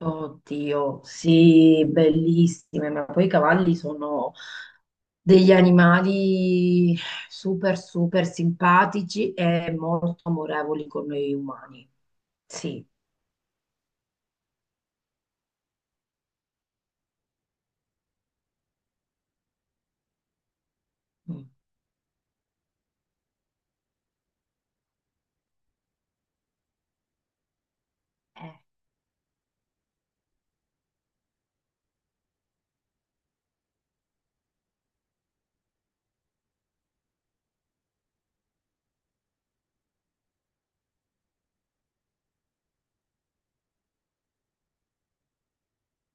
Oddio, sì, bellissime, ma poi i cavalli sono degli animali super, super simpatici e molto amorevoli con noi umani. Sì. Mm. Eh.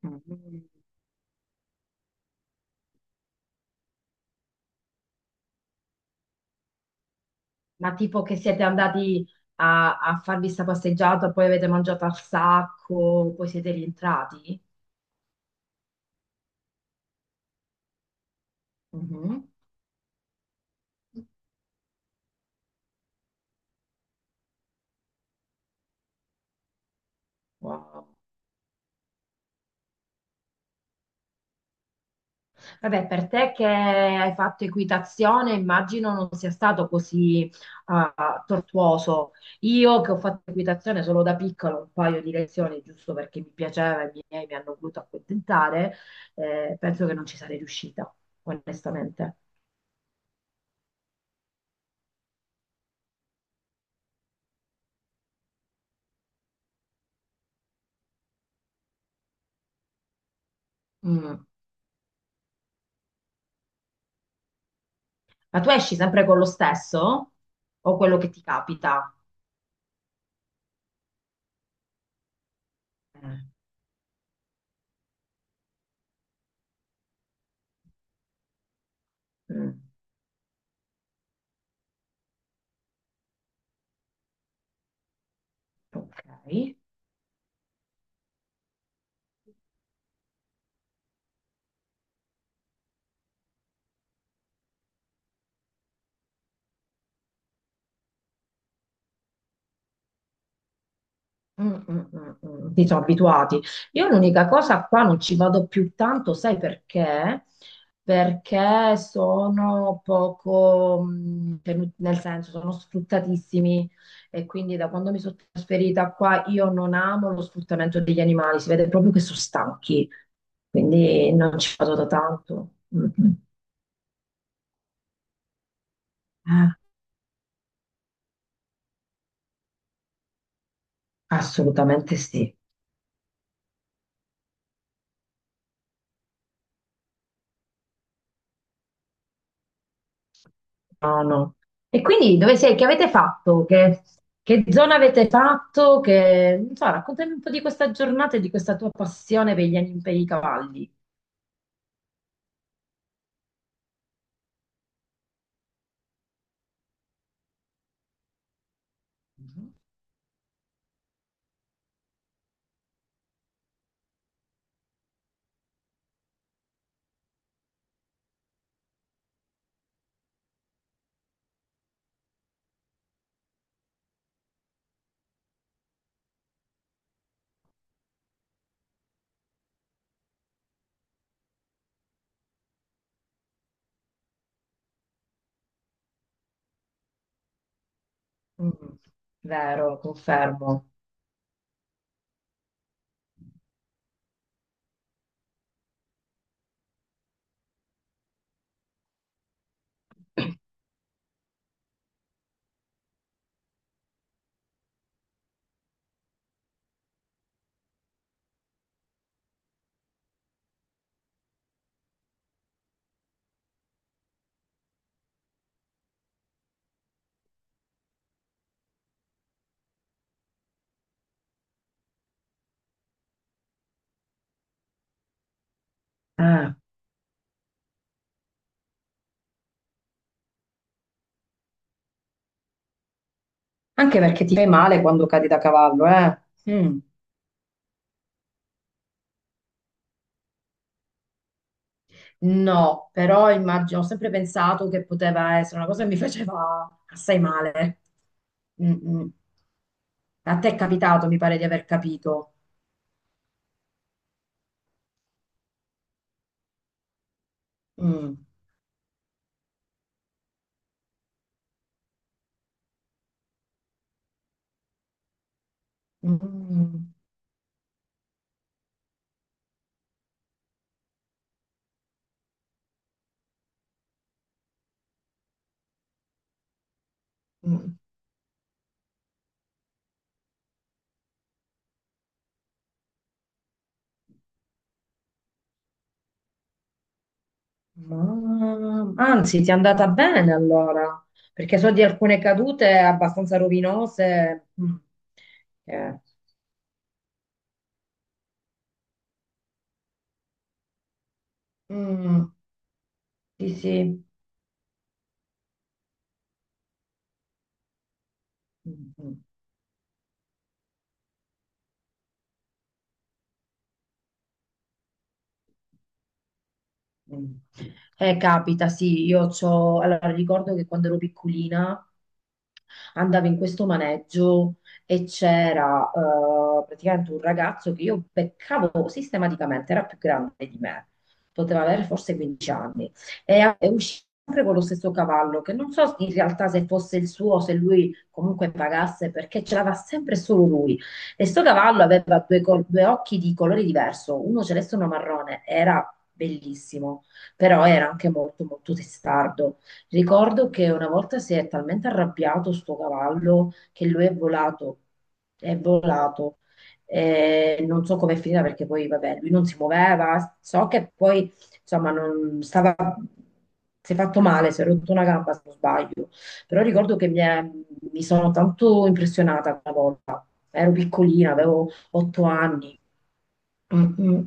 Mm. Mm. Ma tipo che siete andati a farvi sta passeggiata, poi avete mangiato al sacco, poi siete rientrati? Mhm. Wow. Vabbè, per te che hai fatto equitazione, immagino non sia stato così tortuoso. Io che ho fatto equitazione solo da piccola, un paio di lezioni, giusto perché mi piaceva e i miei mi hanno voluto accontentare, penso che non ci sarei riuscita, onestamente. Mm. Ma tu esci sempre con lo stesso o quello che ti capita? Eh, mm, ok. Mm, mm, mm, mm. Ti sono abituati. Io l'unica cosa qua non ci vado più tanto, sai perché? Perché sono poco, nel senso, sono sfruttatissimi e quindi da quando mi sono trasferita qua io non amo lo sfruttamento degli animali, si vede proprio che sono stanchi, quindi non ci vado da tanto. Mm, mm. Eh, assolutamente sì. No, no. E quindi dove sei? Che avete fatto? Che zona avete fatto? Che, non so, raccontami un po' di questa giornata e di questa tua passione per i cavalli. Mm, vero, confermo. Eh, Anche perché ti fai male quando cadi da cavallo, eh? Mm. No, però immagino, ho sempre pensato che poteva essere una cosa che mi faceva assai male. Mm, mm. A te è capitato, mi pare di aver capito. Mm. Mm, mm. Mm. Anzi, ti è andata bene allora, perché so di alcune cadute abbastanza rovinose. Mm. Eh, mm, sì, sì. Mm. Mm. Mm. Capita, sì, io c'ho... Allora, ricordo che quando ero piccolina andavo in questo maneggio e c'era praticamente un ragazzo che io beccavo sistematicamente, era più grande di me, poteva avere forse 15 anni, e usciva sempre con lo stesso cavallo, che non so in realtà se fosse il suo, se lui comunque pagasse, perché ce l'aveva sempre solo lui. E sto cavallo aveva due occhi di colore diverso, uno celeste e uno marrone, era bellissimo, però era anche molto molto testardo. Ricordo che una volta si è talmente arrabbiato sto cavallo che lui è volato, è volato. E non so com'è finita perché poi vabbè, lui non si muoveva, so che poi insomma non stava, si è fatto male, si è rotto una gamba se non sbaglio, però ricordo che mi sono tanto impressionata quella volta. Ero piccolina, avevo 8 anni. Mm, mm.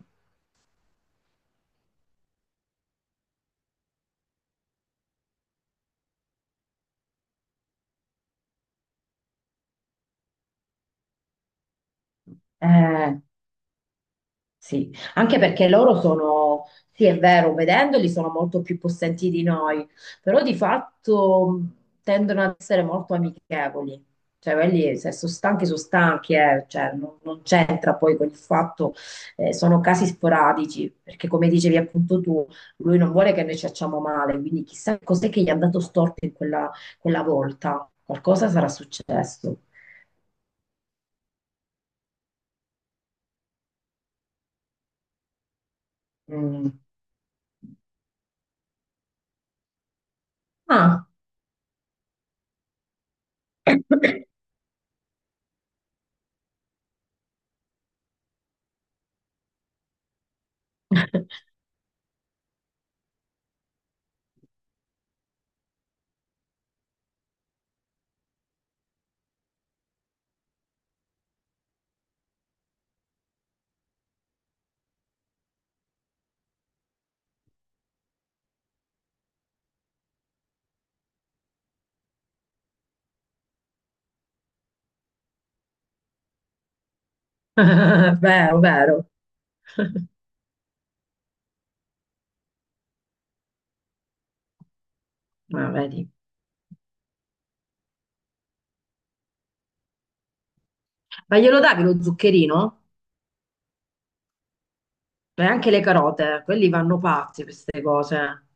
Eh, sì, anche perché loro sono, sì, è vero, vedendoli sono molto più possenti di noi, però di fatto tendono ad essere molto amichevoli. Cioè, quelli se sono stanchi, sono stanchi, cioè, non c'entra poi con il fatto, sono casi sporadici, perché come dicevi appunto tu, lui non vuole che noi ci facciamo male, quindi chissà cos'è che gli è andato storto in quella volta, qualcosa sarà successo. Mm. Ah. Vero, vero. Ma vedi. Ma glielo davi lo zuccherino? E anche le carote, quelli vanno pazzi per queste cose.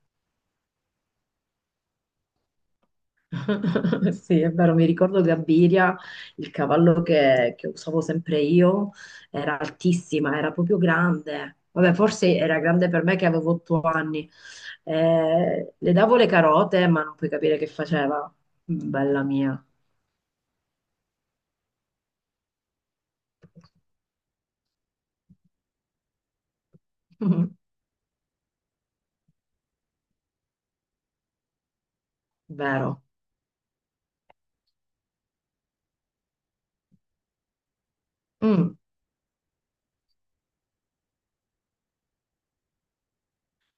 Sì, è vero, mi ricordo Gabiria, il cavallo che usavo sempre io, era altissima, era proprio grande. Vabbè, forse era grande per me che avevo 8 anni. Le davo le carote, ma non puoi capire che faceva. Bella mia. Vero. Mm.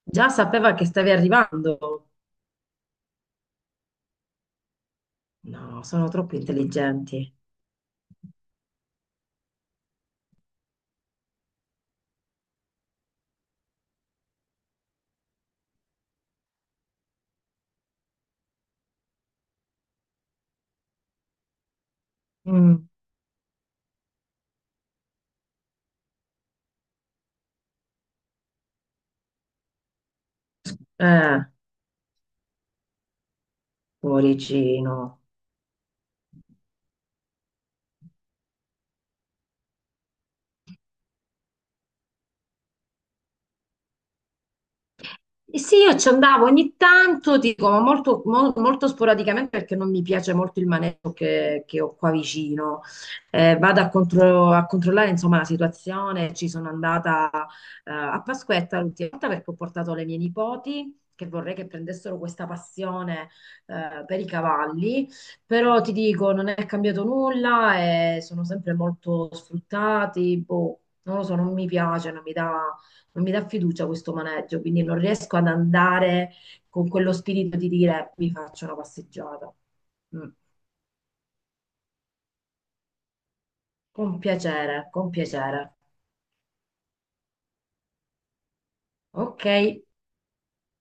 Già sapeva che stavi arrivando. No, sono troppo intelligenti. Mm. Eh, cuoricino. Eh sì, io ci andavo ogni tanto, dico, ma molto sporadicamente perché non mi piace molto il maneggio che ho qua vicino. Vado a controllare insomma la situazione. Ci sono andata a Pasquetta l'ultima volta perché ho portato le mie nipoti che vorrei che prendessero questa passione per i cavalli, però ti dico, non è cambiato nulla e sono sempre molto sfruttati. Boh, non lo so, non mi piace, non mi dà fiducia questo maneggio, quindi non riesco ad andare con quello spirito di dire mi faccio una passeggiata. Mm. Con piacere, con piacere. Ok.